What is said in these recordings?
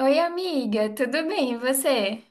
Oi, amiga, tudo bem? E você?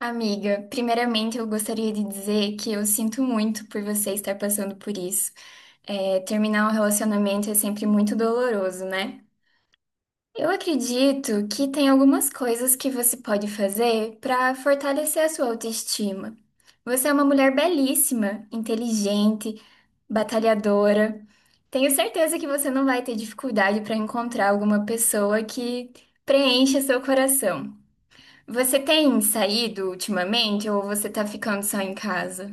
Amiga, primeiramente eu gostaria de dizer que eu sinto muito por você estar passando por isso. É, terminar um relacionamento é sempre muito doloroso, né? Eu acredito que tem algumas coisas que você pode fazer para fortalecer a sua autoestima. Você é uma mulher belíssima, inteligente, batalhadora. Tenho certeza que você não vai ter dificuldade para encontrar alguma pessoa que preencha seu coração. Você tem saído ultimamente ou você tá ficando só em casa?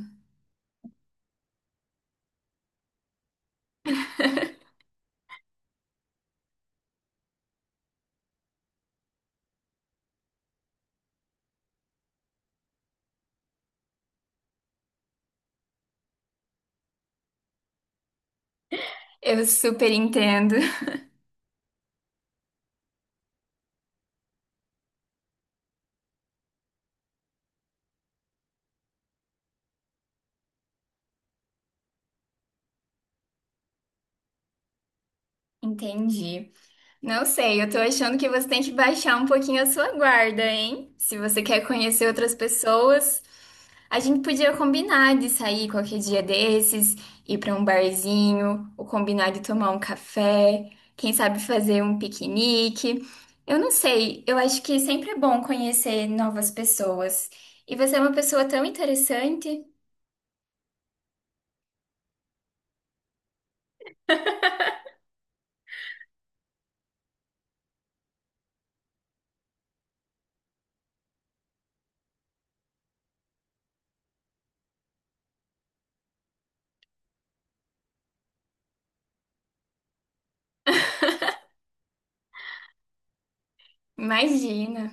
Eu super entendo. Entendi. Não sei, eu tô achando que você tem que baixar um pouquinho a sua guarda, hein? Se você quer conhecer outras pessoas, a gente podia combinar de sair qualquer dia desses, ir pra um barzinho, ou combinar de tomar um café, quem sabe fazer um piquenique. Eu não sei, eu acho que sempre é bom conhecer novas pessoas. E você é uma pessoa tão interessante. Imagina.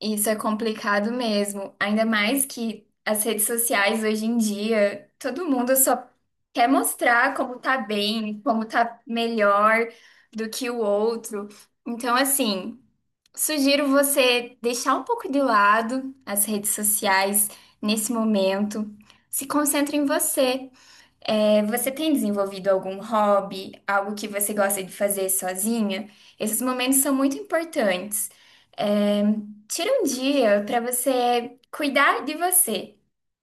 Isso é complicado mesmo. Ainda mais que as redes sociais hoje em dia, todo mundo só quer mostrar como tá bem, como tá melhor do que o outro. Então, assim, sugiro você deixar um pouco de lado as redes sociais nesse momento. Se concentre em você. É, você tem desenvolvido algum hobby, algo que você gosta de fazer sozinha? Esses momentos são muito importantes. É, tira um dia para você cuidar de você.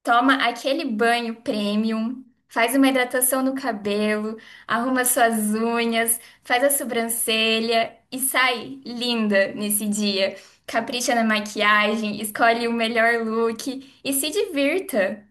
Toma aquele banho premium, faz uma hidratação no cabelo, arruma suas unhas, faz a sobrancelha e sai linda nesse dia. Capricha na maquiagem, escolhe o melhor look e se divirta.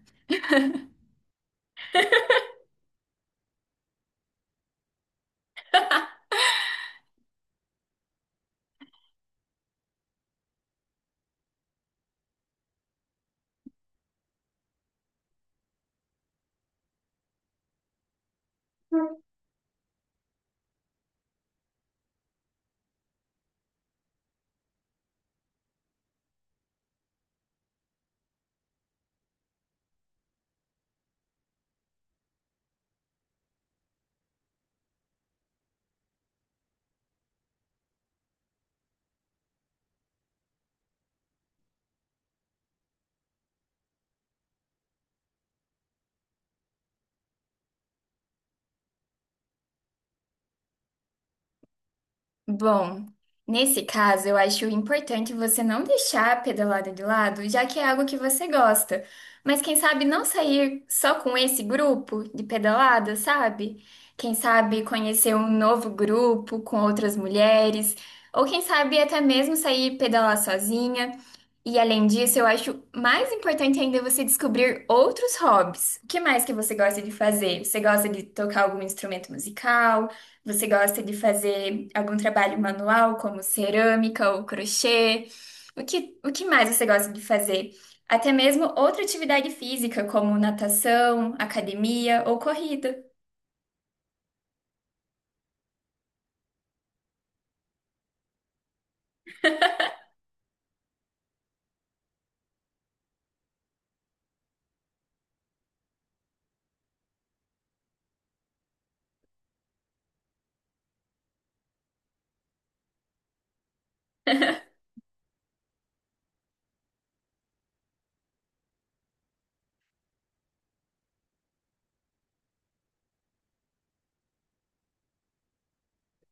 Bom, nesse caso, eu acho importante você não deixar a pedalada de lado, já que é algo que você gosta. Mas quem sabe não sair só com esse grupo de pedalada, sabe? Quem sabe conhecer um novo grupo com outras mulheres, ou quem sabe até mesmo sair pedalar sozinha. E além disso, eu acho mais importante ainda você descobrir outros hobbies. O que mais que você gosta de fazer? Você gosta de tocar algum instrumento musical? Você gosta de fazer algum trabalho manual, como cerâmica ou crochê? O que mais você gosta de fazer? Até mesmo outra atividade física, como natação, academia ou corrida.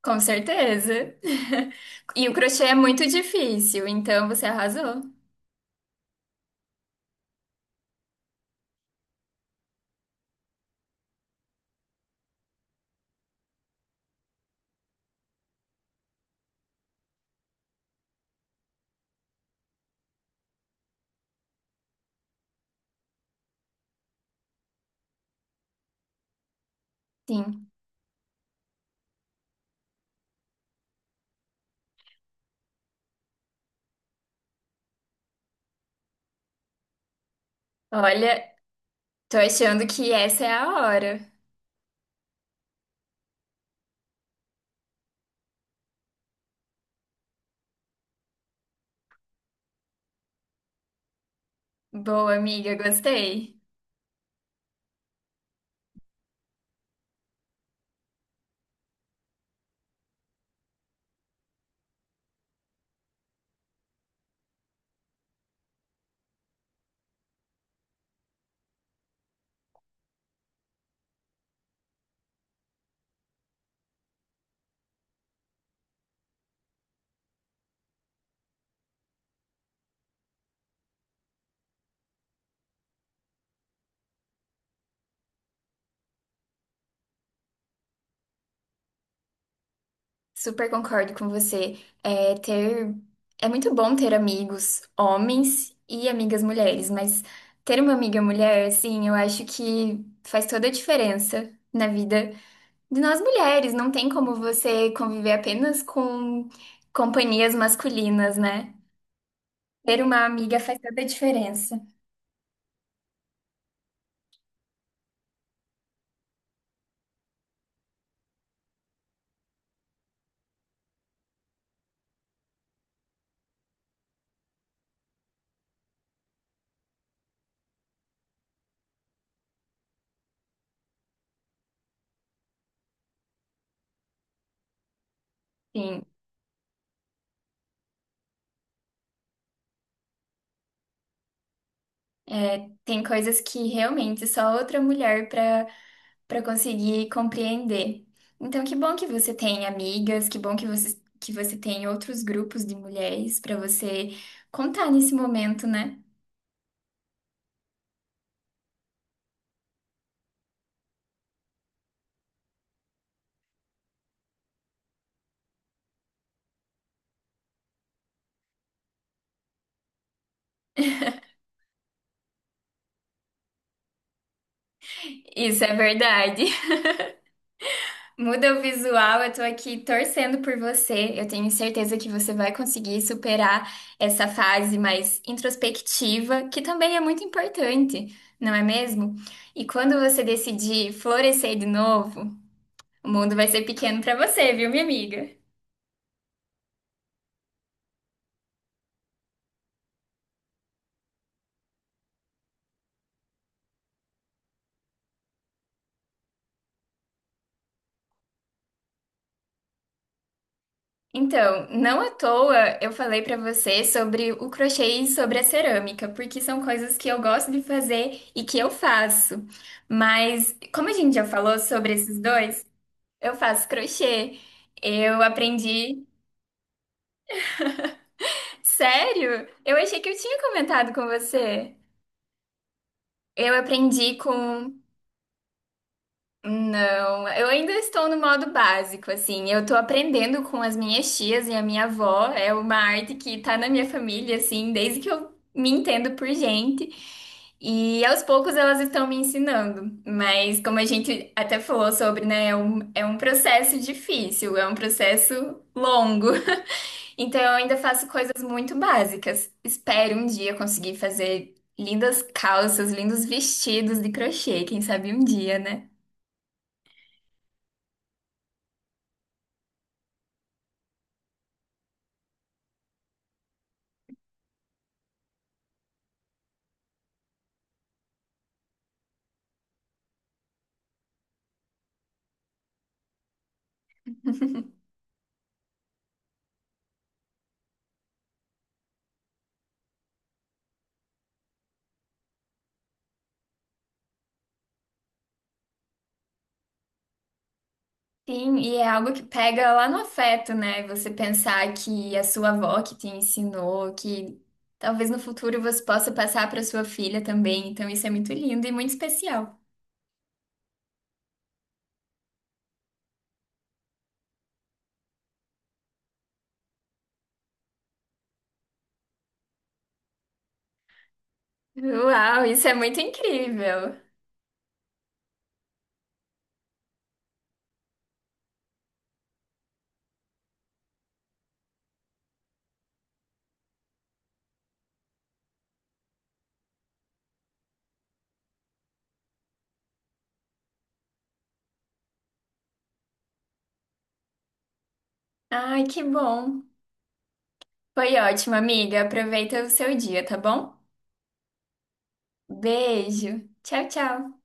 Com certeza. E o crochê é muito difícil, então você arrasou. Sim. Olha, tô achando que essa é a hora. Boa, amiga, gostei. Super concordo com você. É, ter... é muito bom ter amigos homens e amigas mulheres, mas ter uma amiga mulher, assim, eu acho que faz toda a diferença na vida de nós mulheres. Não tem como você conviver apenas com companhias masculinas, né? Ter uma amiga faz toda a diferença. Sim, tem coisas que realmente só outra mulher para conseguir compreender. Então, que bom que você tem amigas, que bom que você tem outros grupos de mulheres para você contar nesse momento, né? Isso é verdade. Muda o visual, eu tô aqui torcendo por você. Eu tenho certeza que você vai conseguir superar essa fase mais introspectiva, que também é muito importante, não é mesmo? E quando você decidir florescer de novo, o mundo vai ser pequeno para você, viu, minha amiga? Então, não à toa eu falei pra você sobre o crochê e sobre a cerâmica, porque são coisas que eu gosto de fazer e que eu faço. Mas, como a gente já falou sobre esses dois, eu faço crochê. Eu aprendi. Sério? Eu achei que eu tinha comentado com você. Eu aprendi com Não, eu ainda estou no modo básico, assim. Eu tô aprendendo com as minhas tias e a minha avó. É uma arte que tá na minha família, assim, desde que eu me entendo por gente. E aos poucos elas estão me ensinando. Mas como a gente até falou sobre, né, é um processo difícil, é um processo longo. Então eu ainda faço coisas muito básicas. Espero um dia conseguir fazer lindas calças, lindos vestidos de crochê, quem sabe um dia, né? Sim, e é algo que pega lá no afeto, né? Você pensar que a sua avó que te ensinou, que talvez no futuro você possa passar para sua filha também. Então isso é muito lindo e muito especial. Uau, isso é muito incrível. Ai, que bom. Foi ótimo, amiga. Aproveita o seu dia, tá bom? Beijo. Tchau, tchau.